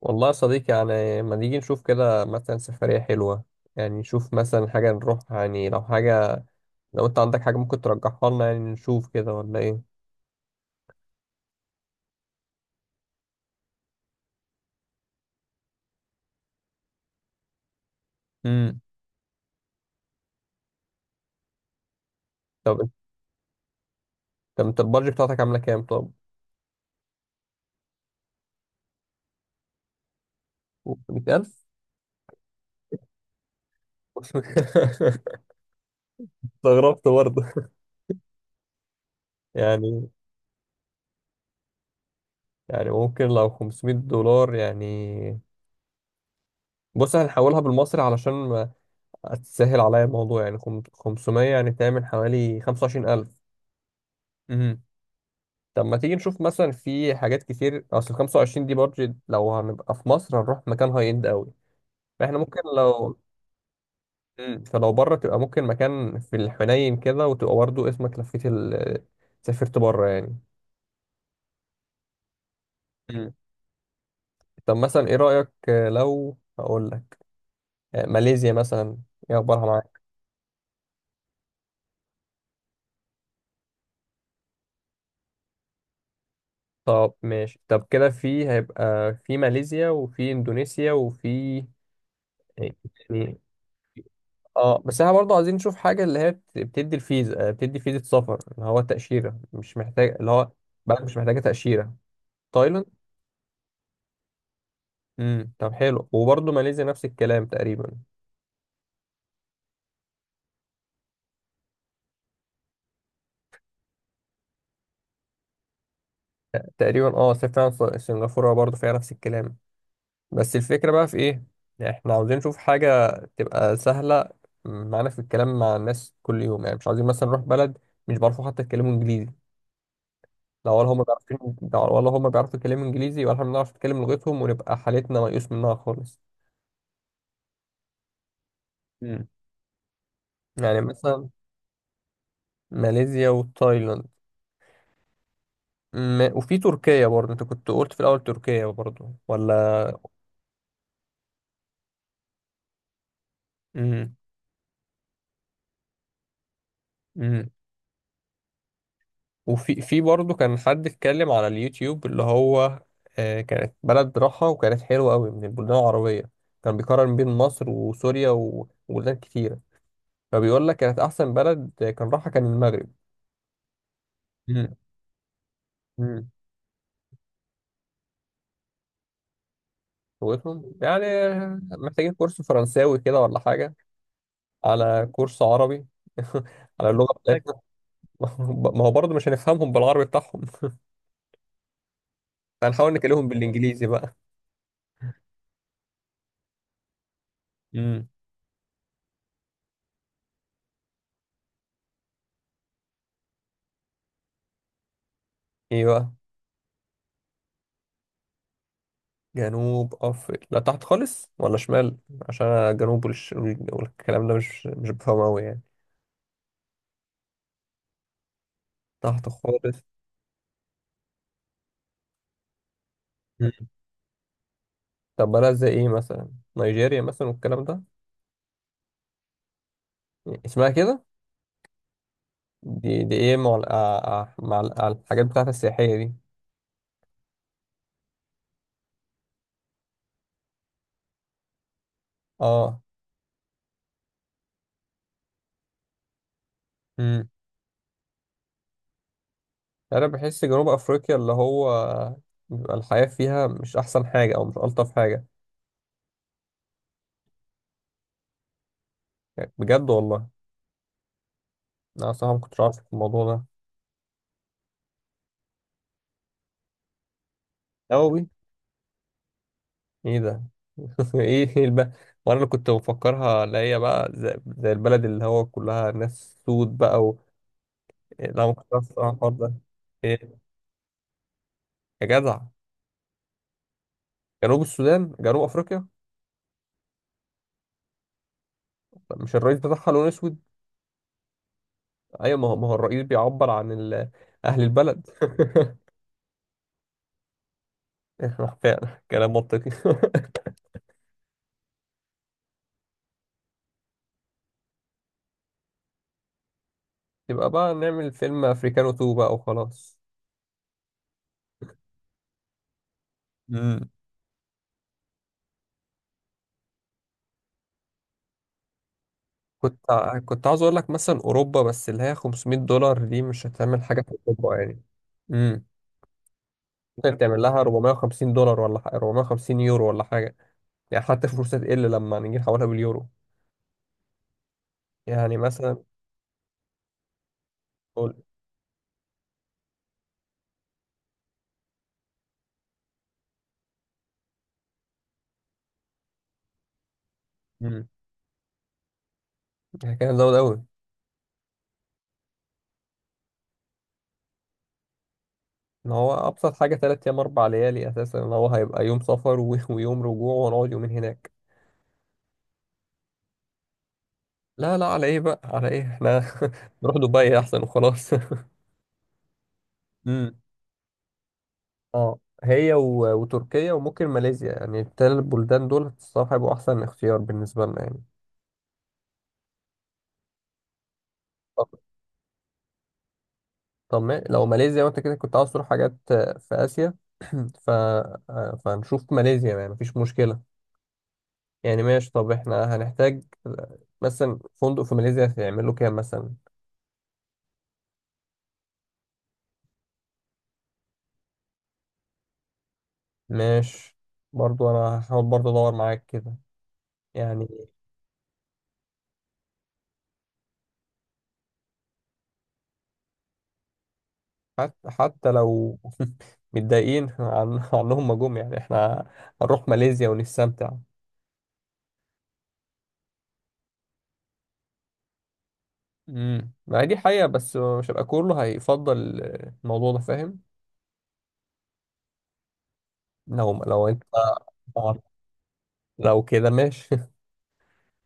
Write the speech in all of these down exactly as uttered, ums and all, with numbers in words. والله يا صديقي، يعني ما نيجي نشوف كده مثلا سفرية حلوة؟ يعني نشوف مثلا حاجة نروح، يعني لو حاجة، لو انت عندك حاجة ممكن ترجحها لنا، يعني نشوف كده ولا ايه؟ امم. طب انت طب انت البادجت بتاعتك عاملة كام طب؟ خمسمية ألف؟ استغربت برضه يعني يعني ممكن لو خمسمية دولار يعني. بص هنحولها بالمصري علشان ما تسهل عليا الموضوع، يعني خم- خمسمية يعني تعمل حوالي خمسة وعشرين ألف. طب ما تيجي نشوف مثلا في حاجات كتير، اصل خمسة وعشرين دي بادجت، لو هنبقى في مصر هنروح مكان هاي اند قوي، فاحنا ممكن لو مم. فلو بره تبقى ممكن مكان في الحنين كده، وتبقى برضه اسمك لفيت ال... آه، سافرت بره يعني. مم. طب مثلا ايه رأيك؟ لو هقول لك آه، ماليزيا مثلا، ايه اخبارها معاك؟ طب ماشي، طب كده في هيبقى في ماليزيا وفي اندونيسيا وفي، يعني. اه بس احنا برضه عايزين نشوف حاجة اللي هي بت- بتدي الفيزا، آه، بتدي فيزا سفر، اللي هو تأشيرة مش محتاج، اللي هو بلد مش محتاجة تأشيرة. تايلاند. امم. طب حلو، وبرضه ماليزيا نفس الكلام تقريبا. تقريبا اه، س- فعلا س- سنغافورة برضه فيها نفس الكلام. بس الفكرة بقى في ايه؟ احنا عاوزين نشوف حاجة تبقى سهلة معانا في الكلام مع الناس كل يوم، يعني مش عايزين مثلا نروح بلد مش بيعرفوا حتى يتكلموا انجليزي، لا ولا هم بيعرفوا، ولا هم بيعرفوا يتكلموا انجليزي، ولا احنا بنعرف نتكلم لغتهم، ونبقى حالتنا ميؤوس منها خالص. يعني مثلا ماليزيا وتايلاند. م... وفي تركيا برضه، انت كنت قلت في الاول تركيا برضه ولا؟ امم امم. وفي في برضه كان حد اتكلم على اليوتيوب، اللي هو آه، كانت بلد راحة وكانت حلوة قوي من البلدان العربية. كان بيقارن بين مصر وسوريا و- وبلدان كتيرة، فبيقول لك كانت أحسن بلد، كان راحة، كان المغرب. امم امم. لغتهم يعني. محتاجين كورس فرنساوي كده ولا حاجة؟ على كورس عربي. على اللغة بتاعتهم. ما هو ما هو برضه مش هنفهمهم بالعربي بتاعهم. هنحاول نكلمهم بالانجليزي بقى. امم ايه بقى؟ جنوب افريقيا؟ لا تحت خالص ولا شمال؟ عشان أنا جنوب والش... والكلام ده مش مش بفهمه قوي يعني. تحت خالص. مم. طب بلد زي ايه مثلا؟ نيجيريا مثلا والكلام ده؟ اسمها كده. دي دي ايه مع ال- آه، آه، مع ال- آه، الحاجات بتاعت السياحية دي؟ اه. امم. انا بحس جنوب افريقيا اللي هو بيبقى الحياة فيها مش احسن حاجة او مش الطف حاجة. يعني بجد والله؟ لا صعب كنت عارف الموضوع ده. لا والله. ايه ده؟ ايه الب... وانا اللي كنت مفكرها اللي هي بقى زي, زي البلد اللي هو كلها ناس سود بقى و... إيه، لا ما كنتش عارف الصراحة الحوار ده. ايه يا جدع؟ جنوب السودان؟ جنوب افريقيا؟ مش الرئيس بتاعها لون اسود؟ ايوه، ما هو ما هو الرئيس بيعبر عن ال... اهل البلد. فعلا كلام منطقي. يبقى بقى نعمل فيلم افريكانو اتنين بقى وخلاص. مم. كنت كنت عاوز اقول لك مثلا اوروبا، بس اللي هي خمسمئة دولار دي مش هتعمل حاجه في اوروبا يعني. امم ممكن تعمل لها أربعمية وخمسين دولار ولا حاجة، أربعمية وخمسين يورو ولا حاجه، يعني حتى فلوسها تقل لما نيجي نحولها باليورو، يعني مثلا. قول. امم كان زود قوي. ان هو ابسط حاجه ثلاث ايام أربع ليالي، اساسا ان هو هيبقى يوم سفر و- ويوم رجوع ونقعد يومين هناك. لا لا، على ايه بقى، على ايه احنا نروح دبي احسن وخلاص. امم اه، هي و... وتركيا وممكن ماليزيا، يعني التلات بلدان دول الصراحة هيبقوا أحسن اختيار بالنسبة لنا يعني. طب، طب ما- لو ماليزيا، وأنت كده كنت عاوز تروح حاجات آه، في آسيا. ف... آه، فنشوف ماليزيا يعني، مفيش مشكلة. يعني ماشي، طب احنا هنحتاج آه، مثلا فندق في ماليزيا هيعمله كام مثلا؟ ماشي. برضو أنا هحاول برضو أدور معاك كده يعني. حتى حتى لو متضايقين عن... عنهم ما جم، يعني احنا هنروح ماليزيا ونستمتع. امم ما هي دي حقيقة، بس مش هيبقى كله هيفضل الموضوع ده فاهم. لو لو انت لو كده ماشي.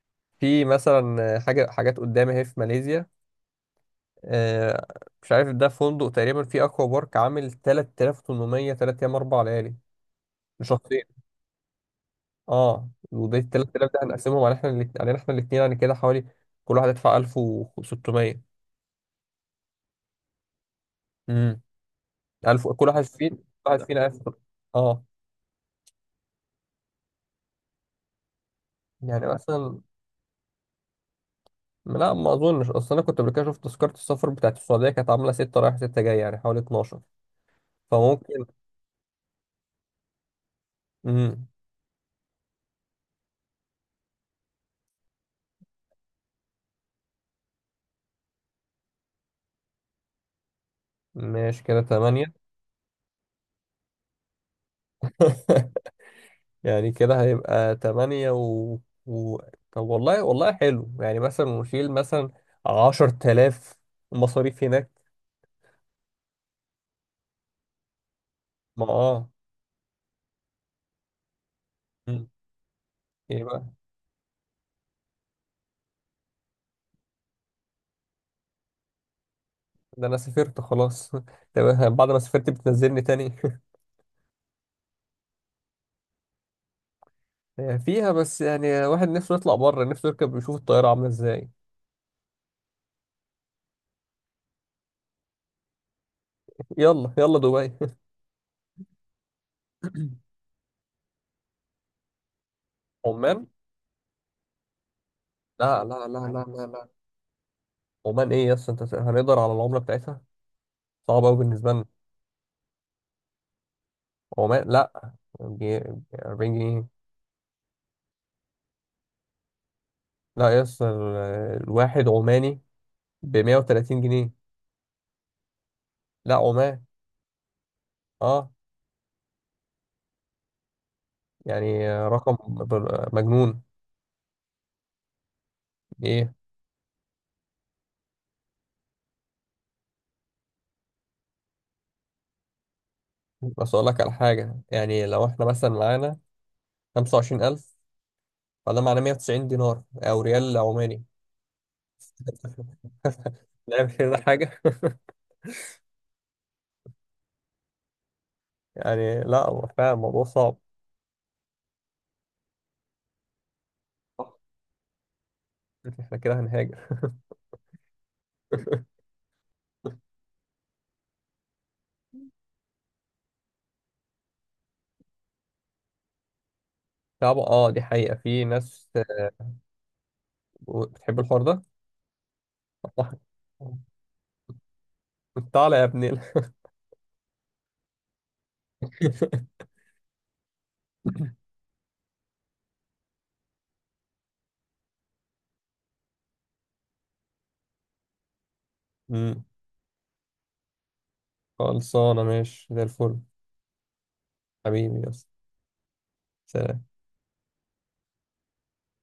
في مثلا حاجة، حاجات قدامي اهي في ماليزيا. آه، مش عارف ده فندق تقريبا في اكوا بارك عامل تلت تلاف وتمنمية، تلات ايام أربع ليالي لشخصين. اه، وده ال تلت تلاف ده هنقسمهم على احنا الاتنين، علينا احنا الاثنين، يعني كده حوالي كل واحد يدفع ألف وست مئة. امم ألف كل واحد فينا، كل واحد فينا ألف. اه، يعني مثلا. لا ما اظنش، اصل انا كنت قبل كده شفت تذكره السفر بتاعت السعوديه كانت عامله ستة رايح ستة جاي، يعني حوالي اتناشر. فممكن. امم ماشي كده ثمانية. يعني كده هيبقى ثمانية و... و... طب والله والله حلو، يعني مثلا نشيل مثلا عشرة تلاف مصاريف هناك. ما اه. مم. ايه بقى؟ ده انا سافرت خلاص. طب بعد ما سافرت بتنزلني تاني؟ فيها بس يعني واحد نفسه يطلع بره، نفسه يركب يشوف الطياره عامله ازاي. يلا يلا دبي. عمان. لا لا لا لا لا لا. عمان ايه يس؟ انت هنقدر على العملة بتاعتها؟ صعب قوي بالنسبة لنا. عمان لا. جي- أربعين جنيه؟ لا يس ال- الواحد عماني ب مئة وثلاثين جنيه. لا عمان. اه. يعني رقم بر- مجنون. ايه بس اقول لك على حاجة، يعني لو احنا مثلا معانا خمسة وعشرين ألف، فده معناه مئة وتسعين دينار او ريال عماني. نعمل كده حاجة. يعني لا هو فعلا الموضوع صعب. احنا كده هنهاجر. صعبة اه، دي حقيقة في ناس بتحب الحوار ده. الله تعالى يا ابني. أمم، خلصانة ماشي زي الفل. حبيبي يا اسطى. سلام.